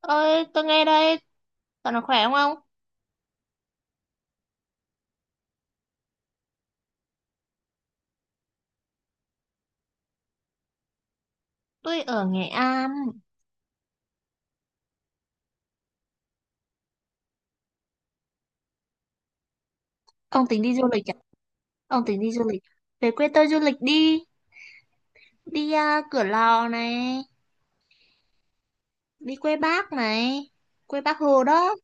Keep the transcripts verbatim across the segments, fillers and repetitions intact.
Ơi, tôi nghe đây. Cậu nó khỏe không ông? Tôi ở Nghệ An. Ông tính đi du lịch à? Ông tính đi du lịch, về quê tôi du lịch đi. Đi à, Cửa Lò này, đi quê Bác này, quê Bác Hồ đó.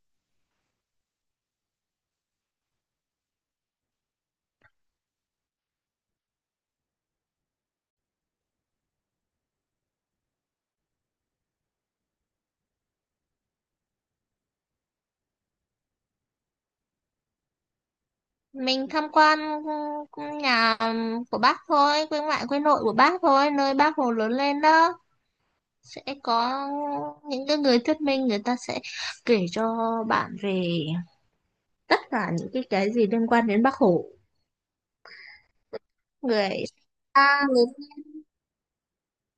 Mình tham quan, ừ, nhà của Bác thôi, quê ngoại quê nội của Bác thôi, nơi Bác Hồ lớn lên đó. Sẽ có những cái người thuyết minh, người ta sẽ kể cho bạn về tất cả những cái cái gì liên quan đến Bác Hồ. Người ta người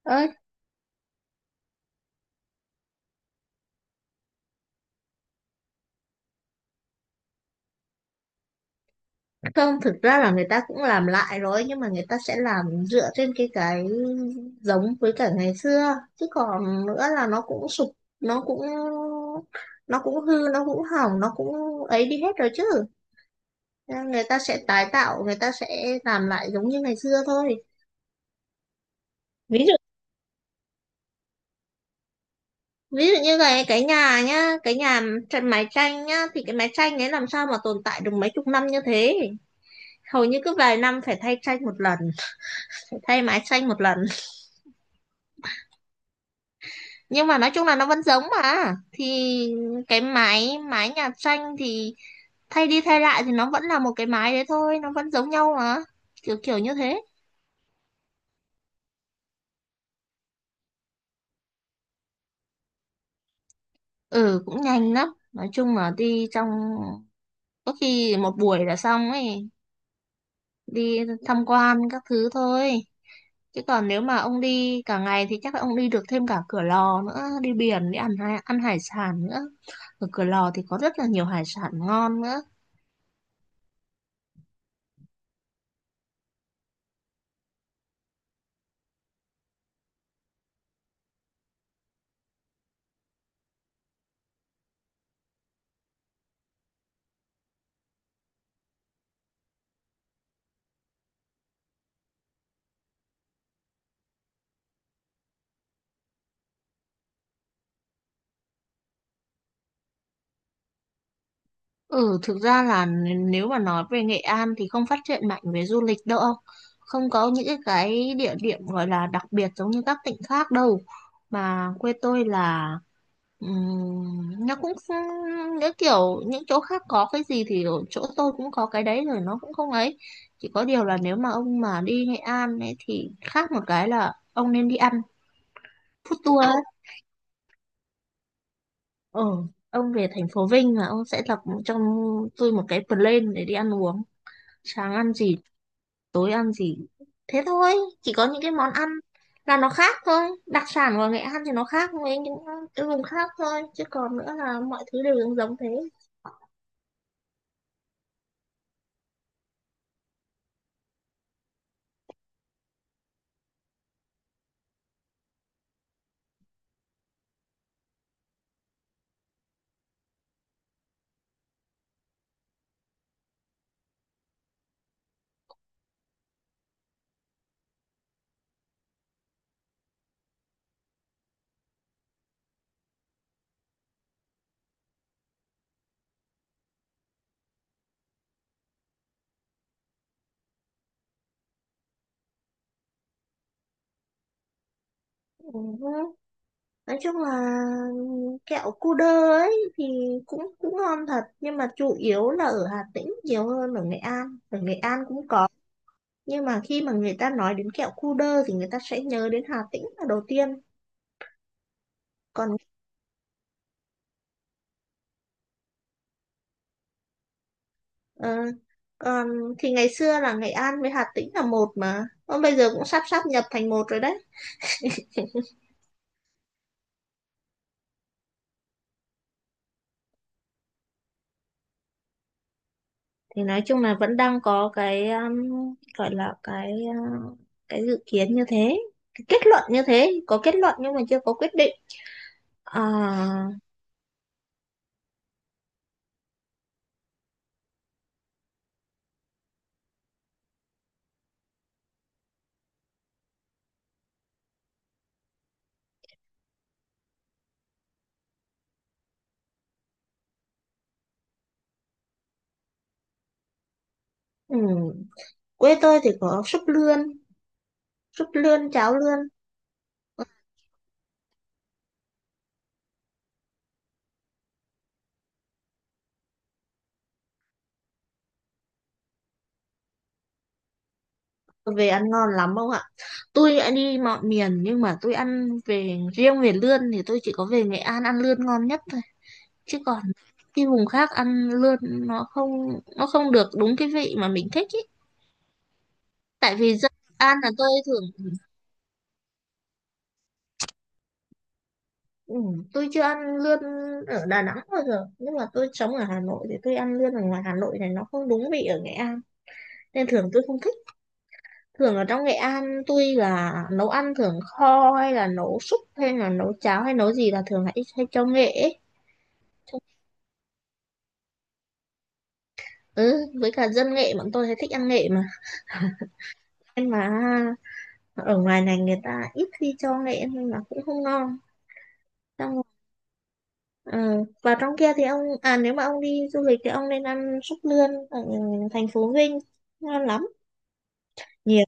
ơi Không, thực ra là người ta cũng làm lại rồi, nhưng mà người ta sẽ làm dựa trên cái cái giống với cả ngày xưa. Chứ còn nữa là nó cũng sụp, nó cũng nó cũng hư, nó cũng hỏng, nó cũng ấy đi hết rồi chứ. Nên người ta sẽ tái tạo, người ta sẽ làm lại giống như ngày xưa thôi. Ví dụ, ví dụ như cái cái nhà nhá, cái nhà tranh, mái tranh nhá, thì cái mái tranh ấy làm sao mà tồn tại được mấy chục năm như thế. Hầu như cứ vài năm phải thay tranh một lần, phải thay mái tranh một lần. Nhưng mà nói chung là nó vẫn giống mà, thì cái máy máy nhà tranh thì thay đi thay lại thì nó vẫn là một cái máy đấy thôi, nó vẫn giống nhau mà, kiểu kiểu như thế. Ừ, cũng nhanh lắm, nói chung là đi trong có khi một buổi là xong ấy, đi tham quan các thứ thôi. Chứ còn nếu mà ông đi cả ngày thì chắc là ông đi được thêm cả Cửa Lò nữa, đi biển, đi ăn hải- ăn hải sản nữa. Ở Cửa Lò thì có rất là nhiều hải sản ngon nữa. Ừ, thực ra là n- nếu mà nói về Nghệ An thì không phát triển mạnh về du lịch đâu. Không có những cái cái địa điểm gọi là đặc biệt giống như các tỉnh khác đâu. Mà quê tôi là ừm, nó cũng không, những kiểu những chỗ khác có cái gì thì ở chỗ tôi cũng có cái đấy rồi, nó cũng không ấy. Chỉ có điều là nếu mà ông mà đi Nghệ An ấy thì khác một cái là ông nên đi ăn food tour ấy. Ừ, ông về thành phố Vinh là ông sẽ lập cho tôi một cái plan để đi ăn uống, sáng ăn gì, tối ăn gì, thế thôi. Chỉ có những cái món ăn là nó khác thôi, đặc sản của Nghệ An thì nó khác với những cái vùng khác thôi, chứ còn nữa là mọi thứ đều giống giống thế. Ừ, nói chung là kẹo cu đơ ấy thì cũng cũng ngon thật, nhưng mà chủ yếu là ở Hà Tĩnh nhiều hơn ở Nghệ An. Ở Nghệ An cũng có, nhưng mà khi mà người ta nói đến kẹo cu đơ thì người ta sẽ nhớ đến Hà Tĩnh là đầu tiên. Còn Ờ, còn thì ngày xưa là Nghệ An với Hà Tĩnh là một mà, còn bây giờ cũng sắp sắp nhập thành một rồi đấy. Thì nói chung là vẫn đang có cái um, gọi là cái uh, cái dự kiến như thế, cái kết luận như thế, có kết luận nhưng mà chưa có quyết định. À, ừ, quê tôi thì có súp lươn, súp lươn cháo lươn. Về ăn ngon lắm không ạ? Tôi đã đi mọi miền nhưng mà tôi ăn, về riêng về lươn thì tôi chỉ có về Nghệ An ăn lươn ngon nhất, chứ còn đi vùng khác ăn lươn nó không, nó không được đúng cái vị mà mình thích ý. Tại vì dân An là tôi thường, ừ, tôi chưa ăn lươn ở Đà Nẵng bao giờ, nhưng mà tôi sống ở Hà Nội thì tôi ăn lươn ở ngoài Hà Nội này nó không đúng vị ở Nghệ An, nên thường tôi không thích. Thường ở trong Nghệ An tôi là nấu ăn thường kho, hay là nấu súp, hay là nấu cháo, hay nấu gì là thường hay, hay cho nghệ ấy. Ừ, với cả dân nghệ bọn tôi hay thích ăn nghệ mà, nhưng mà ở ngoài này người ta ít khi cho nghệ nên là cũng không ngon. Xong ờ, vào trong kia thì ông, à nếu mà ông đi du lịch thì ông nên ăn súp lươn ở thành phố Vinh, ngon lắm nhiều.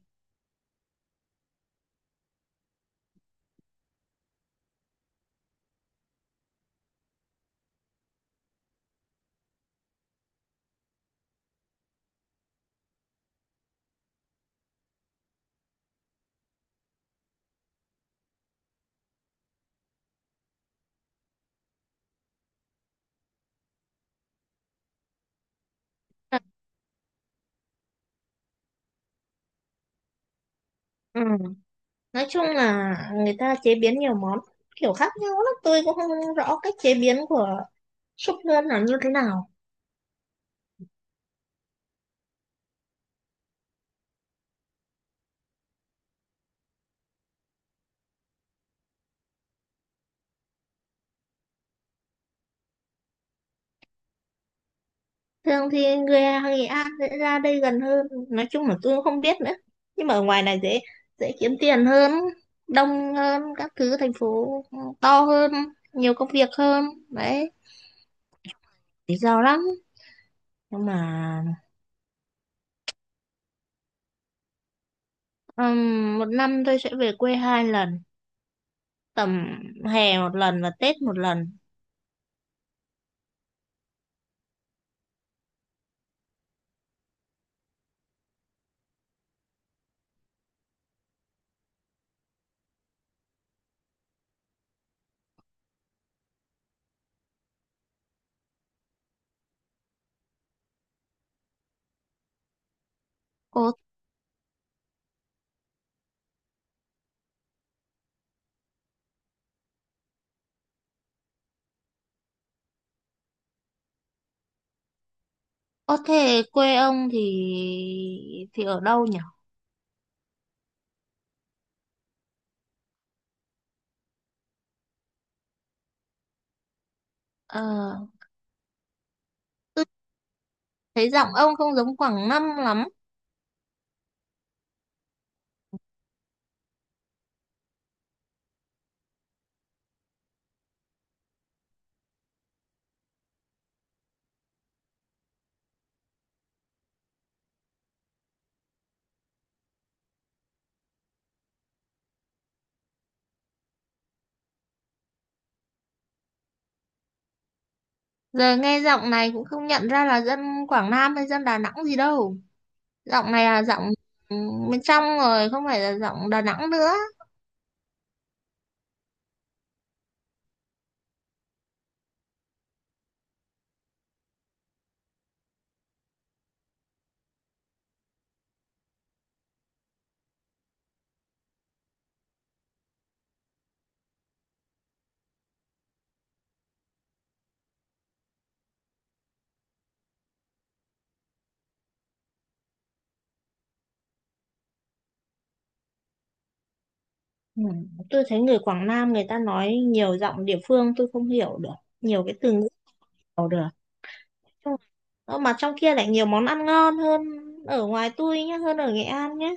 Ừ, nói chung là người ta chế biến nhiều món kiểu khác nhau lắm, tôi cũng không rõ cách chế biến của súp lươn là như thế nào. Thường thì người Nghệ An sẽ ra đây gần hơn, nói chung là tôi cũng không biết nữa, nhưng mà ở ngoài này dễ dễ kiếm tiền hơn, đông hơn các thứ, thành phố to hơn, nhiều công việc hơn đấy, lý do lắm. Nhưng mà ừm, một năm tôi sẽ về quê hai lần, tầm hè một lần và Tết một lần. Ồ, có thể quê ông thì thì ở đâu nhỉ? Ờ, tôi thấy giọng ông không giống Quảng Nam lắm. Giờ nghe giọng này cũng không nhận ra là dân Quảng Nam hay dân Đà Nẵng gì đâu. Giọng này là giọng ừm, bên trong rồi, không phải là giọng Đà Nẵng nữa. Ừm, tôi thấy người Quảng Nam người ta nói nhiều giọng địa phương tôi không hiểu được, nhiều cái từ ngữ không hiểu được. Chung- Ờ, mà trong kia lại nhiều món ăn ngon hơn ở ngoài tôi nhé, hơn ở Nghệ An nhé.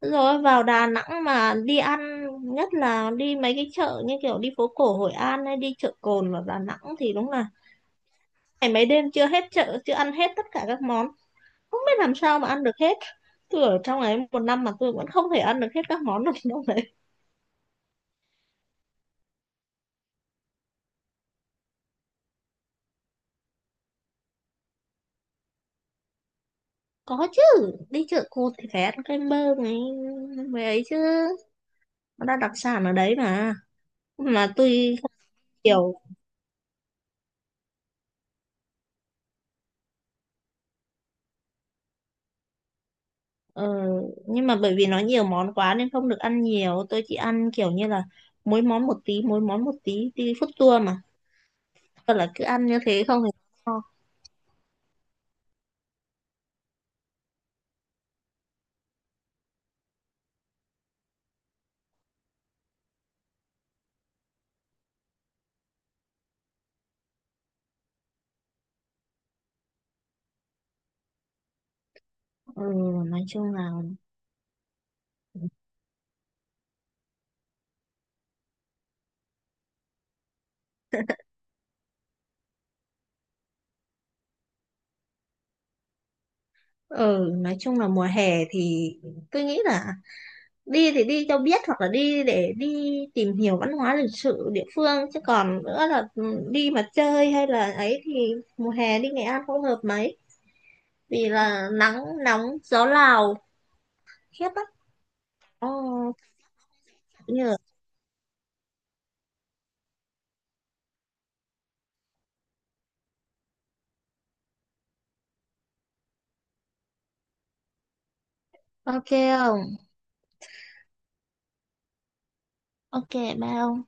Rồi vào Đà Nẵng mà đi ăn, nhất là đi mấy cái chợ như kiểu đi phố cổ Hội An hay đi chợ Cồn ở Đà Nẵng thì đúng là ngày mấy đêm chưa hết chợ, chưa ăn hết tất cả các món, không biết làm sao mà ăn được hết. Tôi ở trong ấy một năm mà tôi vẫn không thể ăn được hết các món được đâu đấy. Có chứ, đi chợ Cồn thì phải ăn kem bơ này, mấy ấy chứ, nó đã đặc sản ở đấy mà. Mà tôi không hiểu. Ờ, nhưng mà bởi vì nó nhiều món quá nên không được ăn nhiều, tôi chỉ ăn kiểu như là mỗi món một tí mỗi món một tí, đi food tour mà. Thật là cứ ăn như thế không thì no. ừ, nói chung là ừ, nói chung là mùa hè thì tôi nghĩ là đi thì đi cho biết, hoặc là đi để đi tìm hiểu văn hóa lịch sử địa phương, chứ còn nữa là ừ, đi mà chơi hay là ấy thì mùa hè đi Nghệ An không hợp mấy, vì là nắng nóng, gió Lào khiếp lắm. Ồ, như ok, không. Ok, ba ông.